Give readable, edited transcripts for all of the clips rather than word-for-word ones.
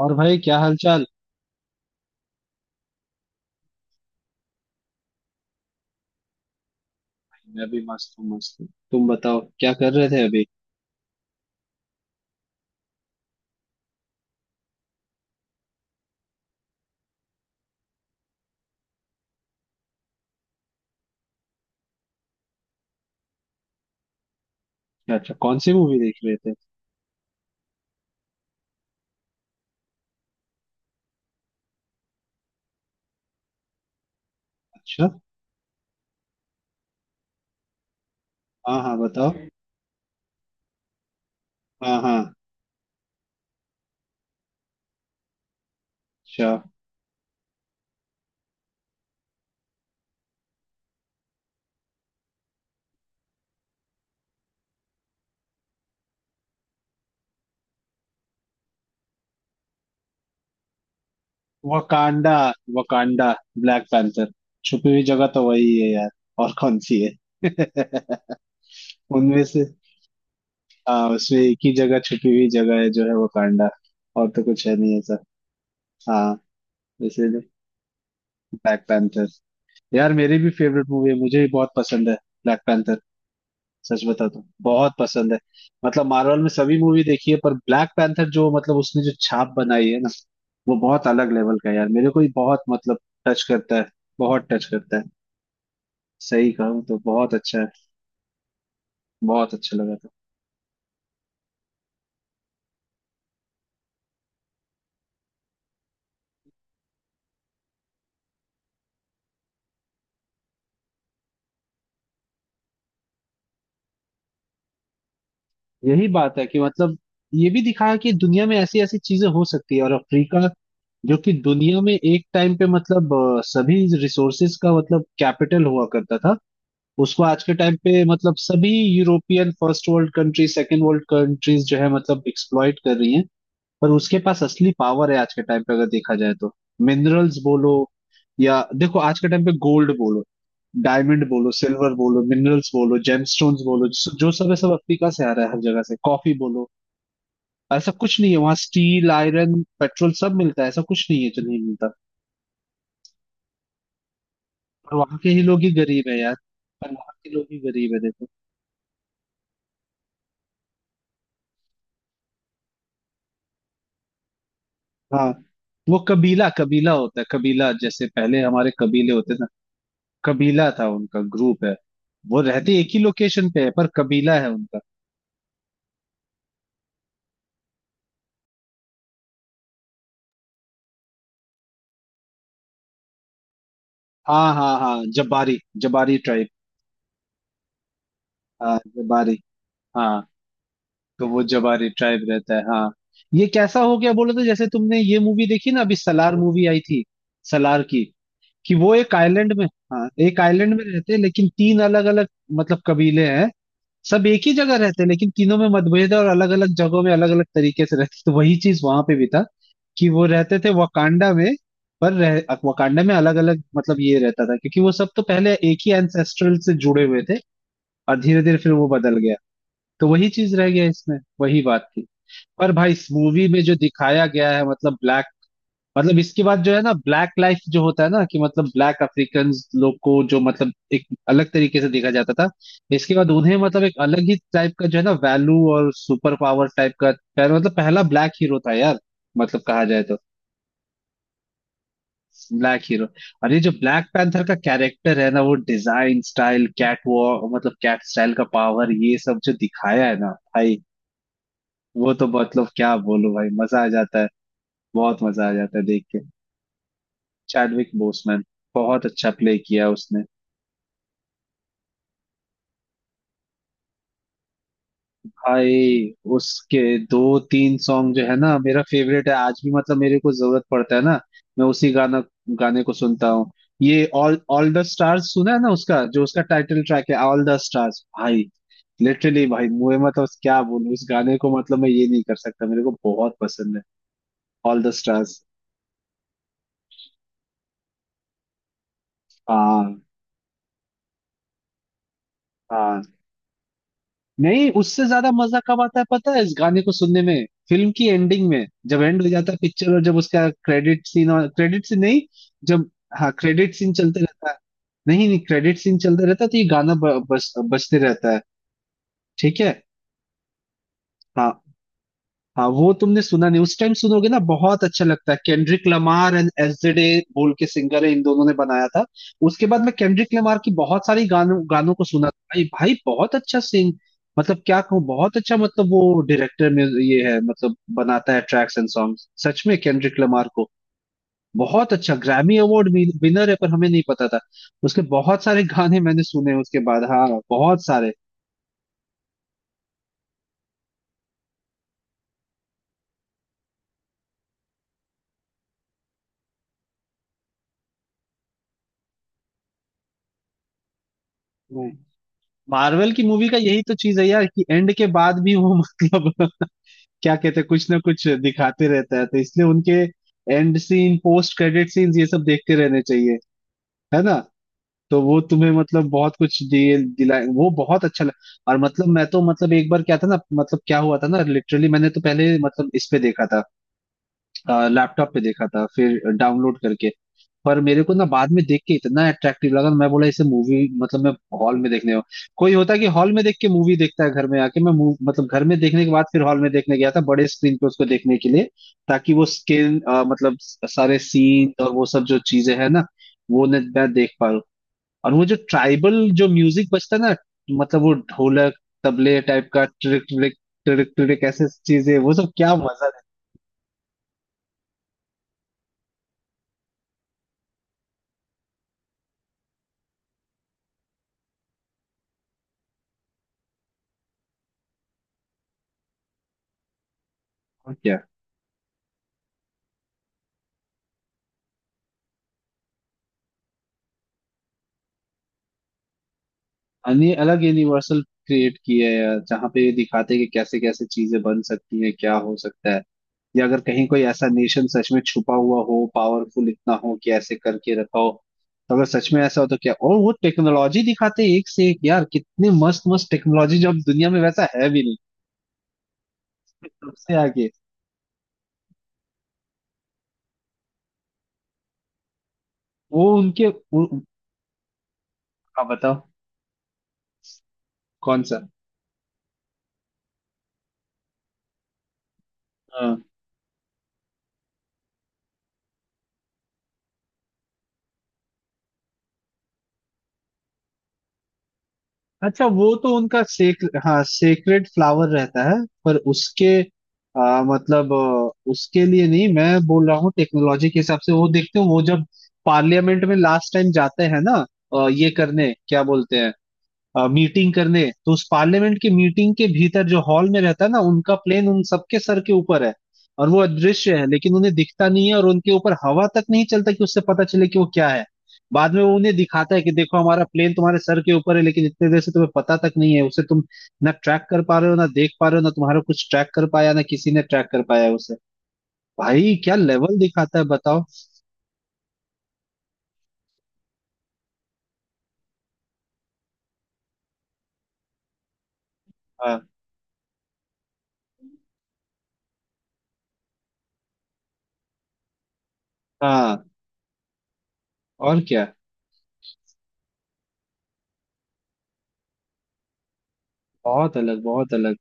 और भाई क्या हालचाल? भाई, मैं भी मस्त हूँ मस्त हूँ। तुम बताओ क्या कर रहे थे अभी? अच्छा अच्छा, कौन सी मूवी देख रहे थे? अच्छा। हाँ हाँ बताओ। हाँ हाँ। अच्छा। वकांडा। वकांडा। Black Panther. छुपी हुई जगह तो वही है यार। और कौन सी है? उनमें से। हाँ, उसमें एक ही जगह छुपी हुई जगह है जो है वकांडा। और तो कुछ है नहीं ऐसा। हाँ। इसीलिए। Black Panther. यार मेरी भी फेवरेट मूवी है, मुझे भी बहुत पसंद है। Black Panther. सच बता तो बहुत पसंद है। मतलब मार्वल में सभी मूवी देखी है, पर ब्लैक पैंथर जो मतलब उसने जो छाप बनाई है ना, वो बहुत अलग लेवल का है यार। मेरे को ही बहुत मतलब टच करता है। बहुत टच करता है। सही कहूँ तो बहुत अच्छा है। बहुत अच्छा लगा था। यही बात है कि मतलब ये भी दिखाया कि दुनिया में ऐसी ऐसी चीजें हो सकती है। और अफ्रीका, जो कि दुनिया में एक टाइम पे मतलब सभी रिसोर्सेज का मतलब कैपिटल हुआ करता था। उसको आज के टाइम पे मतलब सभी European first world country, second world countries जो है मतलब एक्सप्लॉइट कर रही हैं। पर उसके पास असली पावर है आज के टाइम पे अगर देखा जाए तो। मिनरल्स बोलो, या देखो आज के टाइम पे गोल्ड बोलो, डायमंड बोलो, सिल्वर बोलो, मिनरल्स बोलो, जेमस्टोन्स बोलो, जो जो सब है सब अफ्रीका से आ रहा है। हर जगह से कॉफी बोलो। ऐसा कुछ नहीं है वहाँ, स्टील, आयरन, पेट्रोल सब मिलता है। ऐसा कुछ नहीं है जो नहीं मिलता। पर वहाँ के ही लोग ही गरीब है यार। पर वहाँ के लोग ही गरीब है, देखो। हाँ। वो कबीला कबीला होता है, कबीला जैसे पहले हमारे कबीले होते ना। कबीला था उनका, ग्रुप है। वो रहते एक ही लोकेशन पे है पर कबीला है उनका। हाँ हाँ हाँ, जबारी जबारी ट्राइब। हाँ जबारी। हाँ। तो वो जबारी ट्राइब रहता है, हाँ। ये कैसा हो गया बोलो तो, जैसे तुमने ये मूवी देखी ना, अभी सलार मूवी आई थी। सलार की, कि वो एक आइलैंड में। हाँ, एक आइलैंड में रहते हैं लेकिन तीन अलग अलग मतलब कबीले हैं। सब एक ही जगह रहते लेकिन तीनों में मतभेद है और अलग अलग जगहों में अलग अलग तरीके से रहते। तो वही चीज वहां पे भी था। कि वो रहते थे वकांडा में। पर रह वकांडा में अलग अलग मतलब ये रहता था क्योंकि वो सब तो पहले एक ही एंसेस्ट्रल से जुड़े हुए थे। और धीरे धीरे फिर वो बदल गया। तो वही चीज रह गया इसमें, वही बात थी। पर भाई मूवी में जो दिखाया गया है, मतलब ब्लैक, मतलब इसके बाद जो है ना ब्लैक लाइफ जो होता है ना, कि मतलब ब्लैक अफ्रीकन लोग को जो मतलब एक अलग तरीके से देखा जाता था, इसके बाद उन्हें मतलब एक अलग ही टाइप का जो है ना वैल्यू और सुपर पावर टाइप का। मतलब पहला ब्लैक हीरो था यार, मतलब कहा जाए तो। Black hero. और ये जो ब्लैक पैंथर का कैरेक्टर है ना, वो डिजाइन स्टाइल, कैट वॉक मतलब कैट स्टाइल का पावर, ये सब जो दिखाया है ना भाई, वो तो मतलब क्या बोलूं भाई, मजा आ जाता है। बहुत मजा आ जाता है देख के। चैडविक बोसमैन, बहुत अच्छा प्ले किया उसने। भाई उसके दो तीन सॉन्ग जो है ना, मेरा फेवरेट है आज भी। मतलब मेरे को जरूरत पड़ता है ना, मैं उसी गाना गाने को सुनता हूँ। ये ऑल ऑल द स्टार्स सुना है ना उसका, जो उसका टाइटल ट्रैक है ऑल द स्टार्स भाई। लिटरली भाई मुझे मतलब क्या बोलूं उस गाने को, मतलब मैं ये नहीं कर सकता, मेरे को बहुत पसंद है। All the stars. हाँ हाँ। नहीं, उससे ज्यादा मजा कब आता है पता है इस गाने को सुनने में? फिल्म की एंडिंग में जब एंड हो जाता है पिक्चर, और जब उसका क्रेडिट सीन, और क्रेडिट सीन नहीं, जब, हाँ, क्रेडिट सीन चलते रहता है। नहीं नहीं, क्रेडिट सीन चलते रहता है तो ये गाना बस बजते रहता है। ठीक है। हाँ। हाँ वो तुमने सुना नहीं, उस टाइम सुनोगे ना बहुत अच्छा लगता है। केंड्रिक लमार एंड एसजेडे बोल के सिंगर है, इन दोनों ने बनाया था। उसके बाद मैं केंड्रिक लमार की बहुत सारी गानों गानों को सुना भाई। भाई बहुत अच्छा सिंग, मतलब क्या कहूँ, बहुत अच्छा। मतलब वो डायरेक्टर में ये है मतलब, बनाता है ट्रैक्स एंड सॉन्ग। सच में केंड्रिक लमार को, बहुत अच्छा, ग्रैमी अवार्ड विनर है पर हमें नहीं पता था। उसके बहुत सारे गाने मैंने सुने उसके बाद, हाँ बहुत सारे। मार्वल की मूवी का यही तो चीज है यार, कि एंड के बाद भी वो मतलब क्या कहते हैं, कुछ ना कुछ दिखाते रहता है। तो इसलिए उनके end scene, post credit scenes, ये सब देखते रहने चाहिए, है ना। तो वो तुम्हें मतलब बहुत कुछ दिए दिलाए, वो बहुत अच्छा लग। और मतलब मैं तो मतलब एक बार क्या था ना, मतलब क्या हुआ था ना, लिटरली मैंने तो पहले मतलब इस पे देखा था, लैपटॉप पे देखा था फिर डाउनलोड करके। पर मेरे को ना बाद में देख के इतना अट्रैक्टिव लगा, मैं बोला इसे मूवी मतलब मैं हॉल में देखने, कोई होता कि हॉल में देख के मूवी देखता है घर में आके, मैं मूव मतलब घर में देखने के बाद फिर हॉल में देखने गया था, बड़े स्क्रीन पे उसको देखने के लिए। ताकि वो स्क्रीन मतलब सारे सीन और वो सब जो चीजें है ना वो मैं देख पा रहा। और वो जो ट्राइबल जो म्यूजिक बजता है ना, मतलब वो ढोलक तबले टाइप का, ट्रिक ट्रिक ट्रिक ट्रिक ऐसे चीजें, वो सब क्या मजा देता है क्या। अन्य अलग यूनिवर्सल क्रिएट किया है यार, जहाँ पे ये दिखाते हैं कि कैसे कैसे चीजें बन सकती हैं, क्या हो सकता है, या अगर कहीं कोई ऐसा नेशन सच में छुपा हुआ हो, पावरफुल इतना हो कि ऐसे करके रखा हो, तो अगर सच में ऐसा हो तो क्या। और वो टेक्नोलॉजी दिखाते हैं एक से एक यार, कितने मस्त मस्त टेक्नोलॉजी, जो अब दुनिया में वैसा है भी नहीं। सबसे आगे। वो उनके उ, उ- हाँ बताओ। कौन सा? हाँ। अच्छा वो तो उनका सेक हाँ सेक्रेड फ्लावर रहता है। पर उसके मतलब उसके लिए नहीं मैं बोल रहा हूँ, टेक्नोलॉजी के हिसाब से। वो देखते हो वो जब पार्लियामेंट में लास्ट टाइम जाते हैं ना, ये करने क्या बोलते हैं, मीटिंग करने, तो उस पार्लियामेंट की मीटिंग के भीतर जो हॉल में रहता है ना, उनका प्लेन उन सबके सर के ऊपर है। और वो अदृश्य है, लेकिन उन्हें दिखता नहीं है और उनके ऊपर हवा तक नहीं चलता कि उससे पता चले कि वो क्या है। बाद में वो उन्हें दिखाता है कि देखो हमारा प्लेन तुम्हारे सर के ऊपर है, लेकिन इतने देर से तुम्हें पता तक नहीं है। उसे तुम ना ट्रैक कर पा रहे हो, ना देख पा रहे हो, ना तुम्हारा कुछ ट्रैक कर पाया, ना किसी ने ट्रैक कर पाया है उसे। भाई क्या लेवल दिखाता है बताओ। हाँ हाँ। और क्या। बहुत अलग बहुत अलग।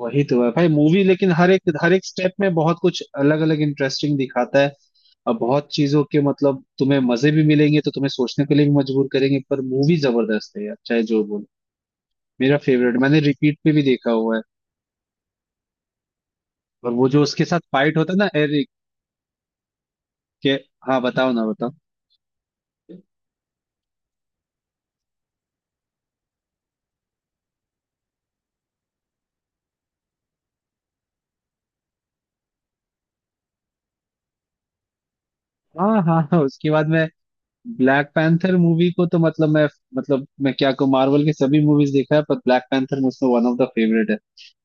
वही तो है भाई मूवी, लेकिन हर एक स्टेप में बहुत कुछ अलग अलग इंटरेस्टिंग दिखाता है। और बहुत चीजों के मतलब तुम्हें मजे भी मिलेंगे, तो तुम्हें सोचने के लिए भी मजबूर करेंगे। पर मूवी जबरदस्त है यार, चाहे जो बोलो। मेरा फेवरेट, मैंने रिपीट पे भी देखा हुआ है। और वो जो उसके साथ फाइट होता है ना, एरिक के। हाँ बताओ ना, बताओ। हाँ हाँ हाँ, उसके बाद में। ब्लैक पैंथर मूवी को तो मतलब मैं, मतलब मैं क्या कहूँ, मार्वल की सभी मूवीज देखा है पर ब्लैक पैंथर मुझसे वन ऑफ द फेवरेट है।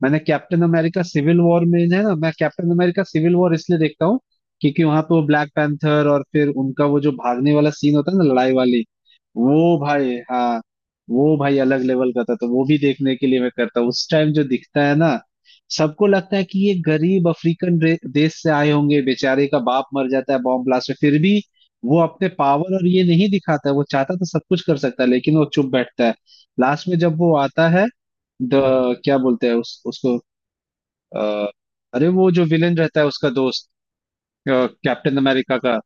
मैंने कैप्टन अमेरिका सिविल वॉर में है ना, मैं कैप्टन अमेरिका सिविल वॉर इसलिए देखता हूँ क्योंकि वहां पे वो ब्लैक पैंथर, और फिर उनका वो जो भागने वाला सीन होता है ना, लड़ाई वाली। वो भाई हाँ। वो भाई अलग लेवल का था, तो वो भी देखने के लिए मैं करता हूँ। उस टाइम जो दिखता है ना, सबको लगता है कि ये गरीब अफ्रीकन देश से आए होंगे, बेचारे का बाप मर जाता है बॉम्ब ब्लास्ट में, फिर भी वो अपने पावर और ये नहीं दिखाता है। वो चाहता तो सब कुछ कर सकता है लेकिन वो चुप बैठता है। लास्ट में जब वो आता है, द, क्या बोलते हैं उस, उसको अ, अरे वो जो विलेन रहता है उसका दोस्त, कैप्टन अमेरिका का,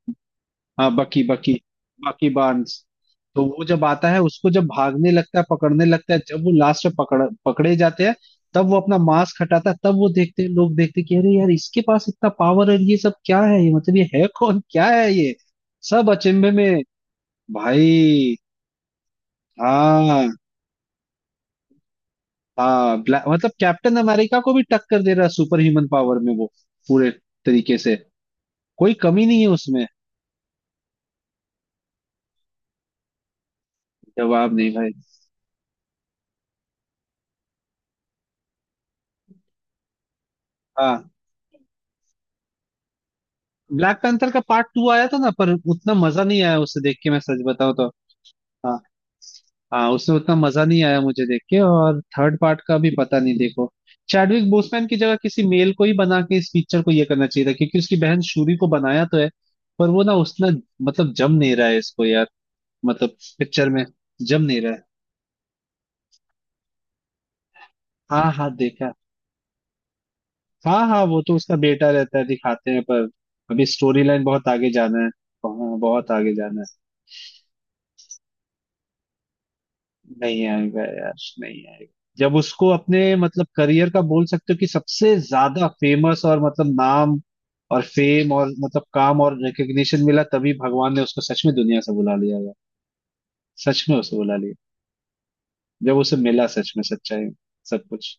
हाँ बकी, बकी, बकी बार्न्स। तो वो जब आता है उसको, जब भागने लगता है, पकड़ने लगता है, जब वो लास्ट में पकड़ पकड़े जाते हैं, तब वो अपना मास्क हटाता है, तब वो देखते हैं, लोग देखते हैं कि अरे यार इसके पास इतना पावर है, ये सब क्या है ये, मतलब ये है कौन, क्या है ये, सब अचंभे में। भाई। हाँ। हाँ ब्लैक मतलब कैप्टन अमेरिका को भी टक्कर दे रहा है सुपर ह्यूमन पावर में, वो पूरे तरीके से। कोई कमी नहीं है उसमें। जवाब नहीं भाई। हाँ। ब्लैक पैंथर का पार्ट टू आया था ना, पर उतना मजा नहीं आया उसे देख के, मैं सच बताऊं तो। हाँ। हाँ उसमें उतना मजा नहीं आया मुझे देख के, और थर्ड पार्ट का भी पता नहीं, देखो। चैडविक बोसमैन की जगह किसी मेल को ही बना के इस पिक्चर को ये करना चाहिए था, क्योंकि उसकी बहन शूरी को बनाया तो है, पर वो ना उसना मतलब जम नहीं रहा है इसको यार। मतलब पिक्चर में जम नहीं रहा है। हाँ हाँ देखा। हाँ हाँ, वो तो उसका बेटा रहता है दिखाते हैं, पर अभी स्टोरी लाइन बहुत आगे जाना है, हाँ, बहुत आगे जाना है। नहीं आएगा यार। नहीं आएगा। जब उसको अपने मतलब करियर का बोल सकते हो कि सबसे ज्यादा फेमस, और मतलब नाम और फेम और मतलब काम और रिकग्निशन मिला, तभी भगवान ने उसको सच में दुनिया से बुला लिया यार। सच में उसे बुला लिया। जब उसे मिला सच में सच्चाई, सब कुछ।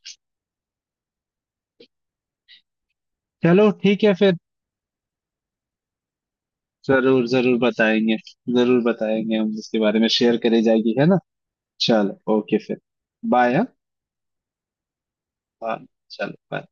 चलो ठीक है फिर। जरूर जरूर बताएंगे। जरूर बताएंगे हम इसके बारे में, शेयर करी जाएगी, है ना। चलो ओके फिर। बाय, हाँ। Bye, चलो bye.